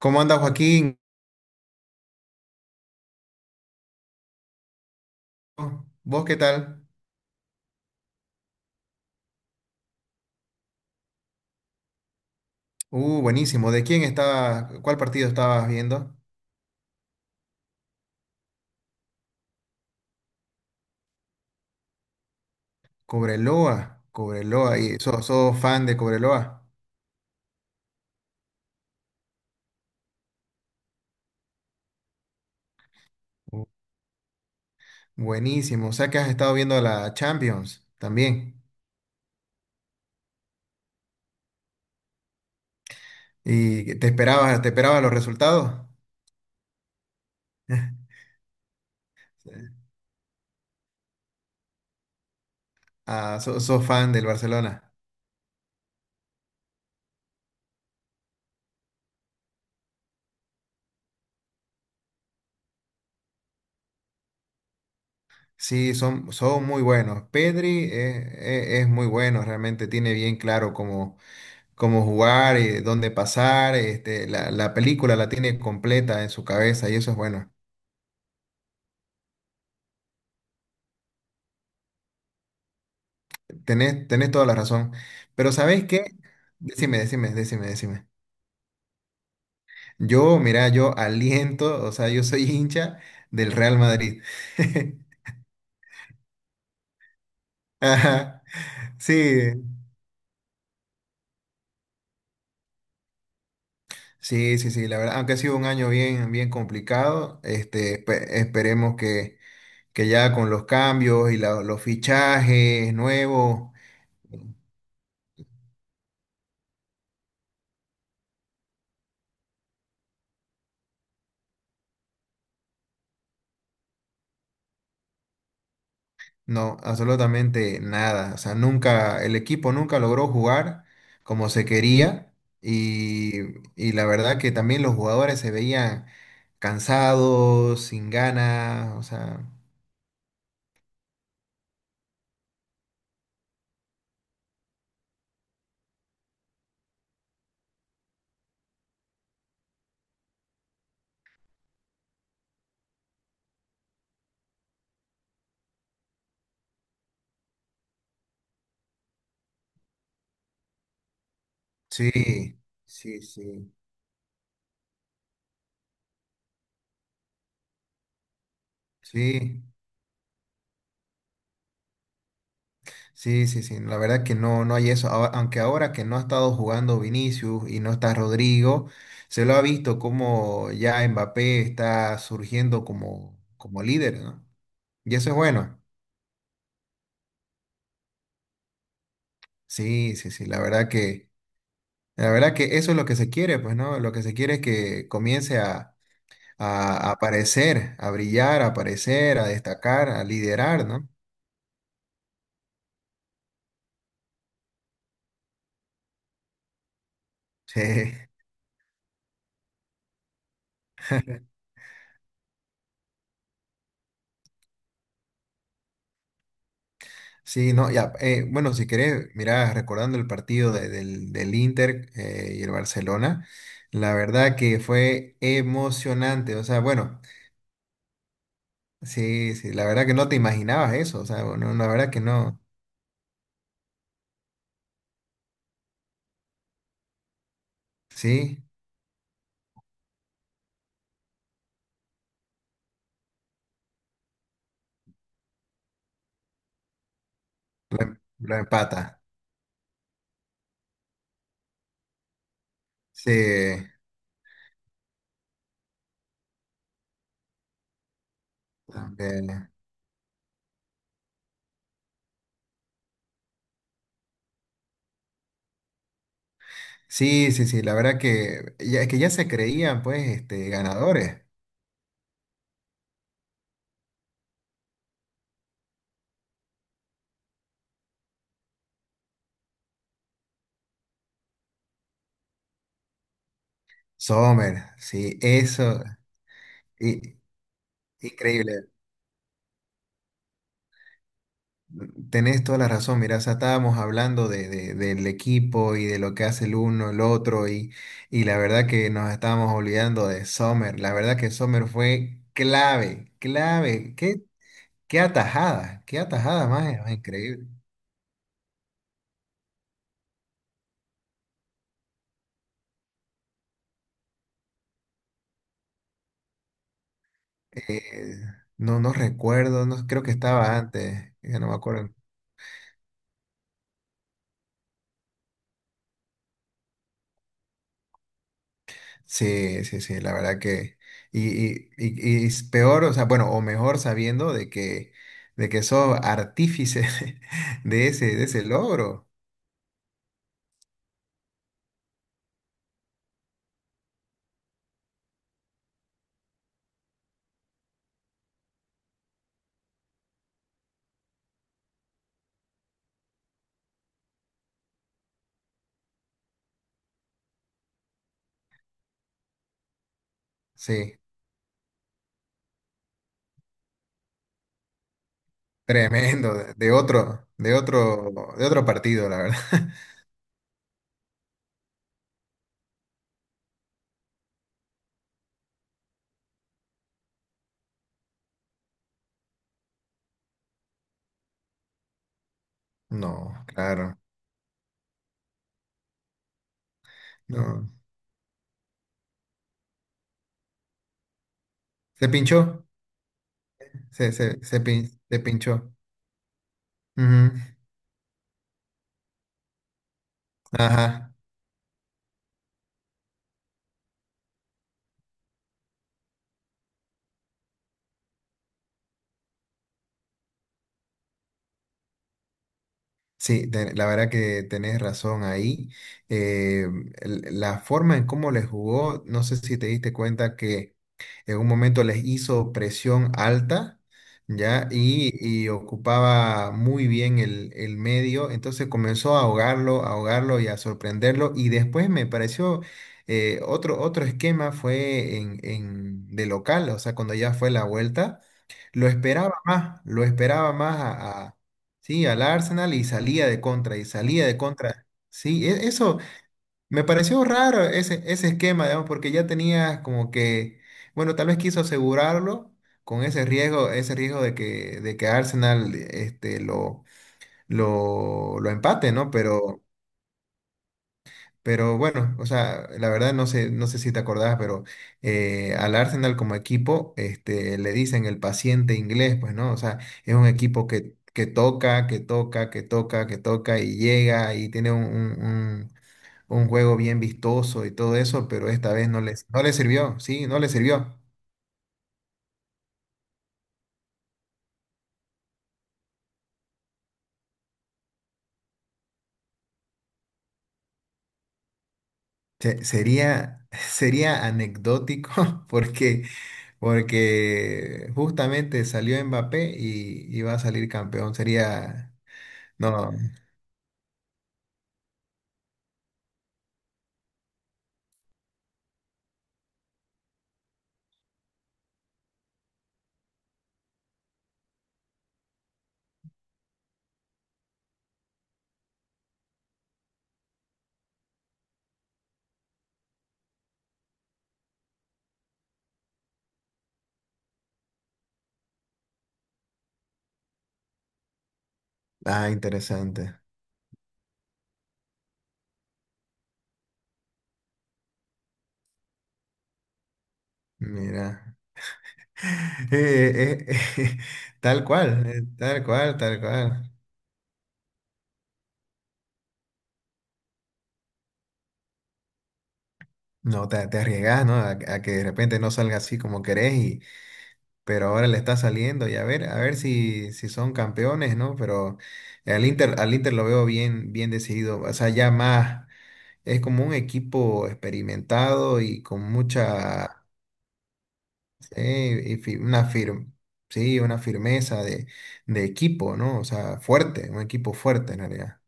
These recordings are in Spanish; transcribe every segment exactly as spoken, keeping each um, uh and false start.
¿Cómo anda Joaquín? ¿Vos qué tal? Uh, buenísimo. ¿De quién estaba, cuál partido estabas viendo? Cobreloa, Cobreloa, y sos, sos fan de Cobreloa. Uh, Buenísimo. O sea que has estado viendo la Champions también. ¿Y te esperabas, te esperabas los resultados? Ah, so- sos fan del Barcelona. Sí, son, son muy buenos. Pedri eh, eh, es muy bueno, realmente tiene bien claro como cómo jugar, eh, dónde pasar, este, la, la película la tiene completa en su cabeza y eso es bueno. Tenés, tenés toda la razón. Pero ¿sabés qué? Decime, decime, decime, decime. Yo, mira, yo aliento, o sea, yo soy hincha del Real Madrid. Ajá. Sí, sí, sí, sí, la verdad, aunque ha sido un año bien, bien complicado, este, espe- esperemos que, que ya con los cambios y la- los fichajes nuevos. No, absolutamente nada. O sea, nunca, el equipo nunca logró jugar como se quería y, y la verdad que también los jugadores se veían cansados, sin ganas, o sea, sí, sí, sí, sí, sí, sí, sí. La verdad que no, no hay eso. Ahora- Aunque ahora que no ha estado jugando Vinicius y no está Rodrigo, se lo ha visto como ya Mbappé está surgiendo como, como líder, ¿no? Y eso es bueno. Sí, sí, sí, la verdad que, la verdad que eso es lo que se quiere, pues, ¿no? Lo que se quiere es que comience a, a, a aparecer, a brillar, a aparecer, a destacar, a liderar, ¿no? Sí, sí, no, ya, eh, bueno, si querés, mirá, recordando el partido de- del, del Inter eh, y el Barcelona, la verdad que fue emocionante, o sea, bueno, sí, sí, la verdad que no te imaginabas eso, o sea, bueno, la verdad que no, sí, lo empata, sí, también. Sí, sí, sí, la verdad que ya, que ya se creían pues este, ganadores. Sommer, sí, eso, i- increíble. Tenés toda la razón, mira, o sea, estábamos hablando de, de- del equipo y de lo que hace el uno, el otro, y, y la verdad que nos estábamos olvidando de Sommer. La verdad que Sommer fue clave, clave. Qué, qué atajada, qué atajada más, más increíble. Eh, no, no recuerdo, no, creo que estaba antes, ya no me acuerdo. Sí, sí, sí, la verdad que... Y, y, y, y es peor, o sea, bueno, o mejor sabiendo de que, de que sos artífice de ese, de ese logro. Sí, tremendo, de de otro, de otro, de otro partido, la verdad. No, claro, no. Se pinchó, se, se, se, pin- se pinchó. Ujú, Ajá, sí, te- la verdad que tenés razón ahí. Eh, el- la forma en cómo le jugó, no sé si te diste cuenta que en un momento les hizo presión alta, ¿ya? Y, y ocupaba muy bien el, el medio, entonces comenzó a ahogarlo, a ahogarlo y a sorprenderlo, y después me pareció... eh, otro, otro esquema fue en, en- de local, o sea, cuando ya fue la vuelta, lo esperaba más, lo esperaba más a, a- sí, al Arsenal y salía de contra, y salía de contra. Sí, e- eso, me pareció raro ese, ese esquema, digamos, porque ya tenía como que, bueno, tal vez quiso asegurarlo con ese riesgo, ese riesgo de que, de que Arsenal este, lo, lo, lo empate, ¿no? Pero, pero bueno, o sea, la verdad no sé, no sé si te acordás, pero eh, al Arsenal como equipo este, le dicen el paciente inglés, pues, ¿no? O sea, es un equipo que, que toca, que toca, que toca, que toca y llega y tiene un, un- un- un juego bien vistoso y todo eso, pero esta vez no les, no les sirvió, sí, no les sirvió. Se- sería, sería anecdótico porque, porque justamente salió Mbappé y, y va a salir campeón. Sería, no, ah, interesante. Mira. Eh, eh, eh, tal cual, eh, tal cual, tal cual. No, te, te arriesgas, ¿no? A, a que de repente no salga así como querés, pero ahora le está saliendo y a ver, a ver si, si son campeones, ¿no? Pero al Inter, al Inter lo veo bien, bien decidido, o sea, ya más, es como un equipo experimentado y con mucha, eh, y fi- una fir- sí, una firmeza de, de equipo, ¿no? O sea, fuerte, un equipo fuerte en realidad.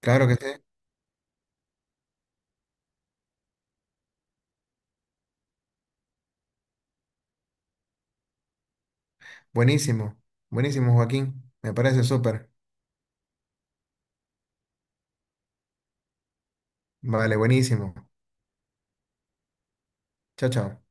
Claro que sí, buenísimo, buenísimo, Joaquín, me parece súper. Vale, buenísimo. Chao, chao.